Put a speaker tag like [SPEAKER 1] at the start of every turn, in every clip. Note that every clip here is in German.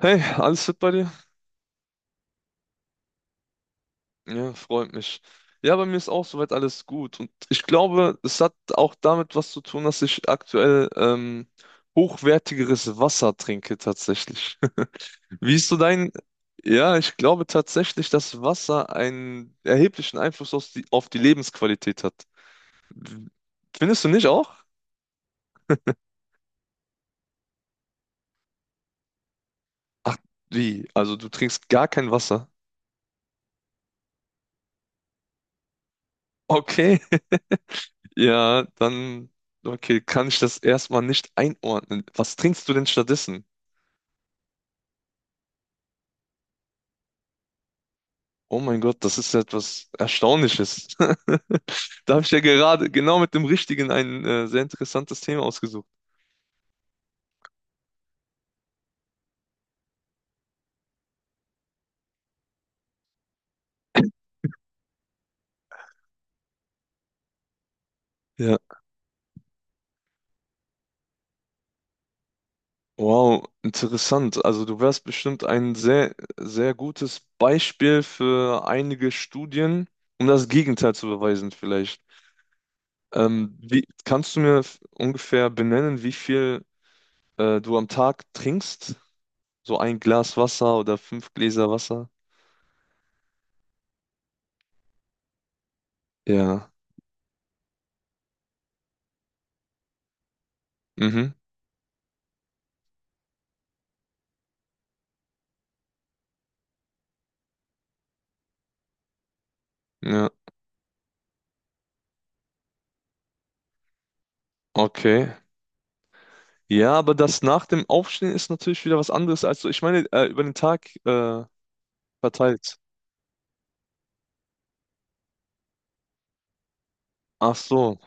[SPEAKER 1] Hey, alles fit bei dir? Ja, freut mich. Ja, bei mir ist auch soweit alles gut. Und ich glaube, es hat auch damit was zu tun, dass ich aktuell hochwertigeres Wasser trinke tatsächlich. Wie ist so dein... Ja, ich glaube tatsächlich, dass Wasser einen erheblichen Einfluss auf die Lebensqualität hat. W- Findest du nicht auch? Ach, wie? Also du trinkst gar kein Wasser? Okay. Ja, dann... Okay, kann ich das erstmal nicht einordnen. Was trinkst du denn stattdessen? Oh mein Gott, das ist etwas Erstaunliches. Da habe ich ja gerade genau mit dem Richtigen ein sehr interessantes Thema ausgesucht. Ja, wow, interessant. Also du wärst bestimmt ein sehr, sehr gutes Beispiel für einige Studien, um das Gegenteil zu beweisen vielleicht. Kannst du mir ungefähr benennen, wie viel du am Tag trinkst? So ein Glas Wasser oder fünf Gläser Wasser? Ja. Mhm. Ja. Okay. Ja, aber das nach dem Aufstehen ist natürlich wieder was anderes als so. Ich meine, über den Tag verteilt. Ach so.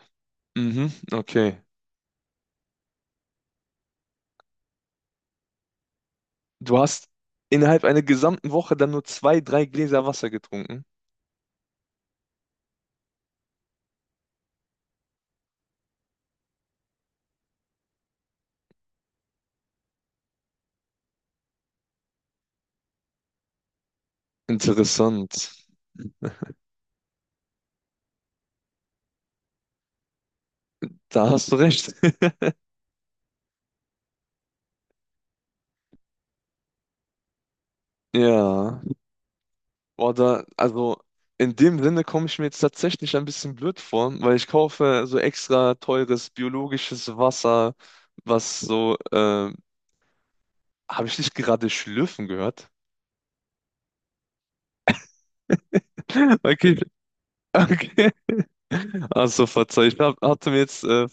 [SPEAKER 1] Mhm, okay. Du hast innerhalb einer gesamten Woche dann nur zwei, drei Gläser Wasser getrunken. Interessant. Da hast du recht. Ja. Oder, also in dem Sinne komme ich mir jetzt tatsächlich ein bisschen blöd vor, weil ich kaufe so extra teures biologisches Wasser, was so, habe ich nicht gerade schlürfen gehört? Okay, okay. Also verzeih, hatte mir jetzt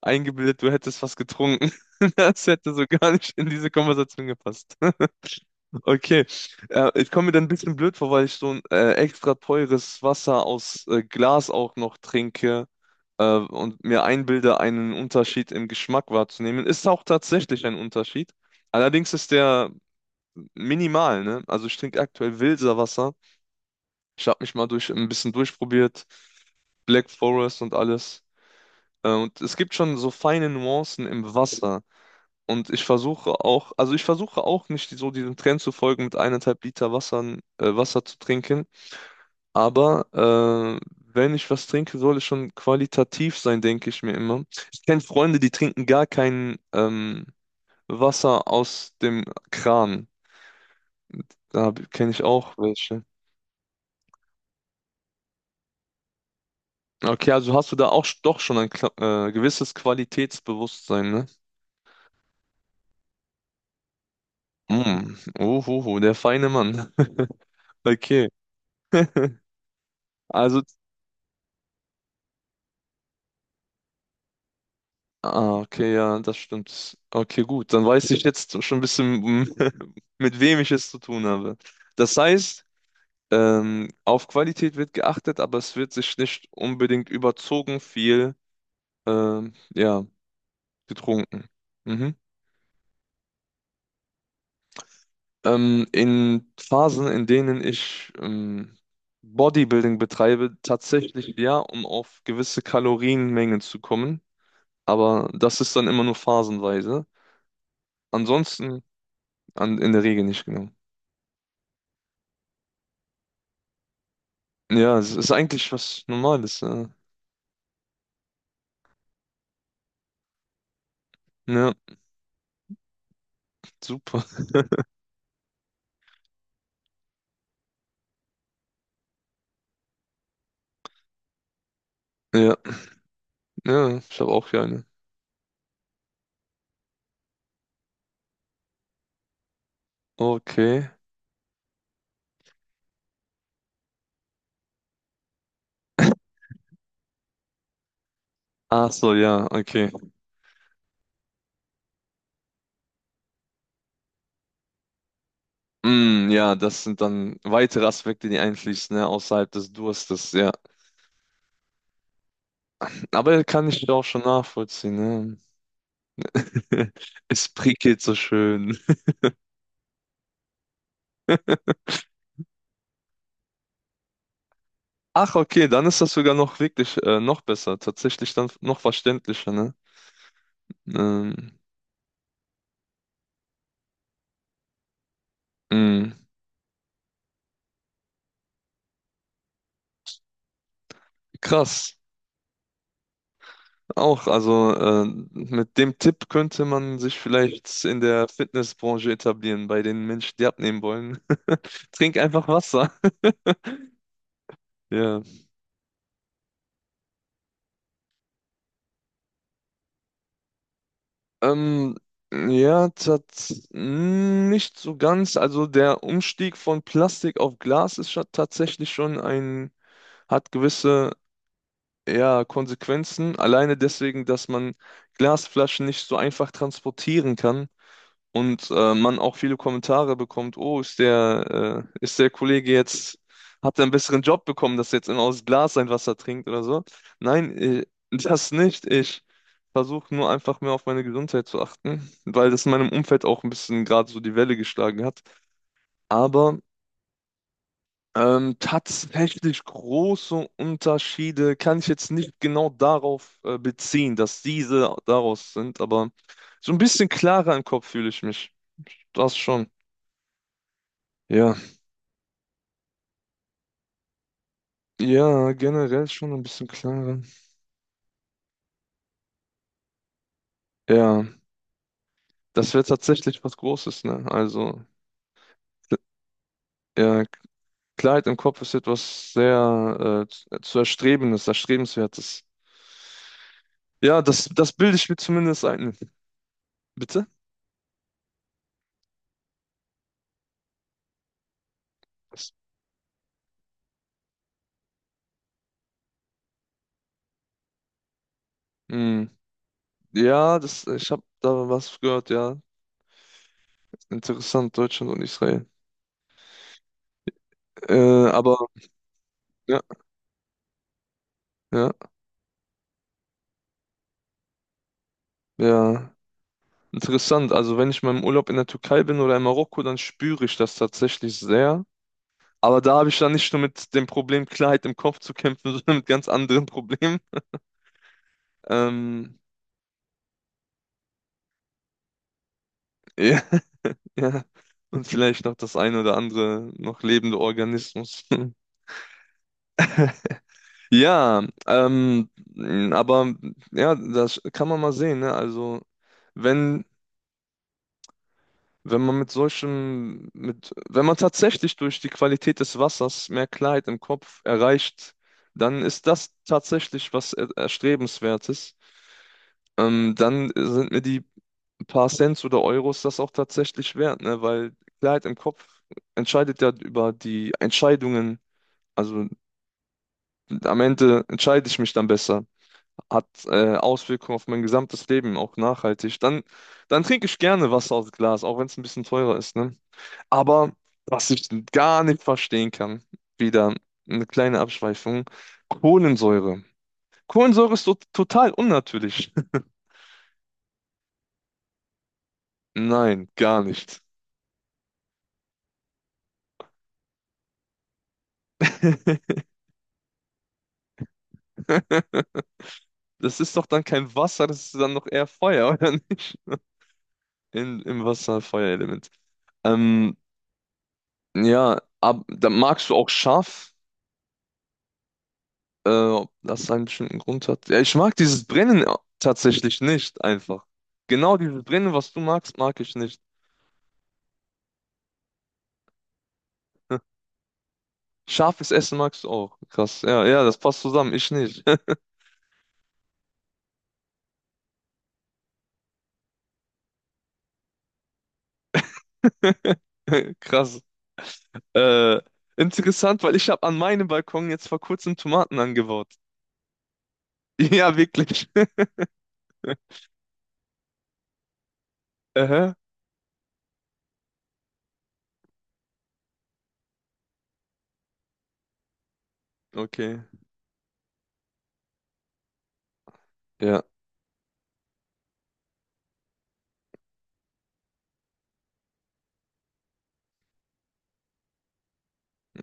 [SPEAKER 1] eingebildet, du hättest was getrunken. Das hätte so gar nicht in diese Konversation gepasst. Okay, ich komme mir dann ein bisschen blöd vor, weil ich so ein extra teures Wasser aus Glas auch noch trinke und mir einbilde, einen Unterschied im Geschmack wahrzunehmen. Ist auch tatsächlich ein Unterschied. Allerdings ist der minimal, ne? Also ich trinke aktuell Wilsa Wasser. Ich habe mich mal durch ein bisschen durchprobiert, Black Forest und alles. Und es gibt schon so feine Nuancen im Wasser. Und ich versuche auch nicht so diesem Trend zu folgen, mit eineinhalb Liter Wassern, Wasser zu trinken. Aber wenn ich was trinke, soll es schon qualitativ sein, denke ich mir immer. Ich kenne Freunde, die trinken gar kein Wasser aus dem Kran. Da kenne ich auch welche. Okay, also hast du da auch doch schon ein gewisses Qualitätsbewusstsein, ne? Mm. Uhuhu, der feine Mann. Okay. Also, ah, okay, ja, das stimmt. Okay, gut, dann weiß ich jetzt schon ein bisschen, mit wem ich es zu tun habe. Das heißt, auf Qualität wird geachtet, aber es wird sich nicht unbedingt überzogen viel, ja, getrunken. Mhm. In Phasen, in denen ich Bodybuilding betreibe, tatsächlich ja, um auf gewisse Kalorienmengen zu kommen. Aber das ist dann immer nur phasenweise. Ansonsten in der Regel nicht, genau. Ja, es ist eigentlich was Normales. Ja, ja super. Ja, ja, ich habe auch hier eine. Okay. Ach so, ja, okay. Mm, ja, das sind dann weitere Aspekte, die einfließen, ne, außerhalb des Durstes, ja. Aber kann ich auch schon nachvollziehen, ne? Es prickelt so schön. Ach, okay, dann ist das sogar noch wirklich noch besser. Tatsächlich dann noch verständlicher, ne? Ähm, mm, krass. Auch, also mit dem Tipp könnte man sich vielleicht in der Fitnessbranche etablieren, bei den Menschen, die abnehmen wollen. Trink einfach Wasser. Ja. Ähm, ja, nicht so ganz. Also der Umstieg von Plastik auf Glas ist tatsächlich schon ein, hat gewisse, ja, Konsequenzen. Alleine deswegen, dass man Glasflaschen nicht so einfach transportieren kann. Und man auch viele Kommentare bekommt, oh, ist der Kollege jetzt, hat er einen besseren Job bekommen, dass er jetzt immer aus Glas sein Wasser trinkt oder so. Nein, das nicht. Ich versuche nur einfach mehr auf meine Gesundheit zu achten, weil das in meinem Umfeld auch ein bisschen gerade so die Welle geschlagen hat. Aber tatsächlich große Unterschiede kann ich jetzt nicht genau darauf beziehen, dass diese daraus sind, aber so ein bisschen klarer im Kopf fühle ich mich. Das schon. Ja, ja, generell schon ein bisschen klarer. Ja, das wäre tatsächlich was Großes, ne? Also, ja, Klarheit im Kopf ist etwas sehr zu erstrebendes, erstrebenswertes. Ja, das, das bilde ich mir zumindest ein. Bitte? Das- Hm. Ja, das, ich habe da was gehört, ja. Interessant, Deutschland und Israel. Aber ja, ja, ja. Interessant. Also wenn ich mal im Urlaub in der Türkei bin oder in Marokko, dann spüre ich das tatsächlich sehr. Aber da habe ich dann nicht nur mit dem Problem Klarheit im Kopf zu kämpfen, sondern mit ganz anderen Problemen. Ähm, ja, ja. Und vielleicht noch das ein oder andere noch lebende Organismus. Ja, aber ja, das kann man mal sehen, ne? Also wenn, wenn man mit solchen, mit, wenn man tatsächlich durch die Qualität des Wassers mehr Klarheit im Kopf erreicht, dann ist das tatsächlich was Erstrebenswertes. Dann sind mir die paar Cents oder Euros das auch tatsächlich wert, ne? Weil Klarheit im Kopf entscheidet ja über die Entscheidungen. Also am Ende entscheide ich mich dann besser. Hat Auswirkungen auf mein gesamtes Leben, auch nachhaltig. Dann trinke ich gerne Wasser aus Glas, auch wenn es ein bisschen teurer ist, ne? Aber was ich gar nicht verstehen kann, wieder eine kleine Abschweifung, Kohlensäure. Kohlensäure ist to total unnatürlich. Nein, gar nicht. Das ist doch dann kein Wasser, das ist dann noch eher Feuer, oder nicht? Im Wasser Feuerelement. Ähm, da magst du auch scharf, ob das einen bestimmten Grund hat. Ja, ich mag dieses Brennen tatsächlich nicht einfach. Genau dieses Brennen, was du magst, mag ich nicht. Scharfes Essen magst du auch. Krass. Ja, ja, das passt zusammen. Ich nicht. Krass. Äh, interessant, weil ich habe an meinem Balkon jetzt vor kurzem Tomaten angebaut. Ja, wirklich. Aha. Okay. Ja.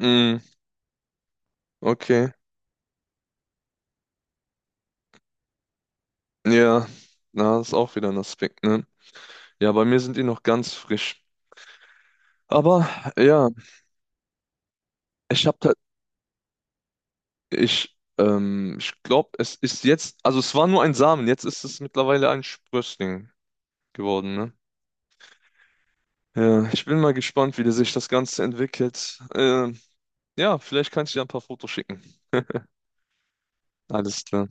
[SPEAKER 1] Mm. Okay. Ja, na, ist auch wieder ein Aspekt, ne? Ja, bei mir sind die noch ganz frisch. Aber ja, ich habe da, ich, ich glaube, es ist jetzt, also es war nur ein Samen, jetzt ist es mittlerweile ein Sprössling geworden, ne? Ja, ich bin mal gespannt, wie sich das Ganze entwickelt. Ja, vielleicht kannst du ja ein paar Fotos schicken. Alles klar.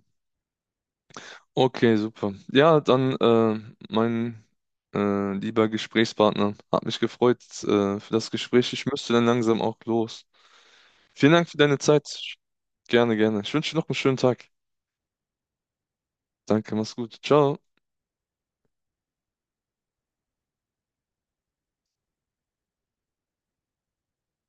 [SPEAKER 1] Okay, super. Ja, dann, mein lieber Gesprächspartner, hat mich gefreut, für das Gespräch. Ich müsste dann langsam auch los. Vielen Dank für deine Zeit. Gerne, gerne. Ich wünsche dir noch einen schönen Tag. Danke, mach's gut. Ciao.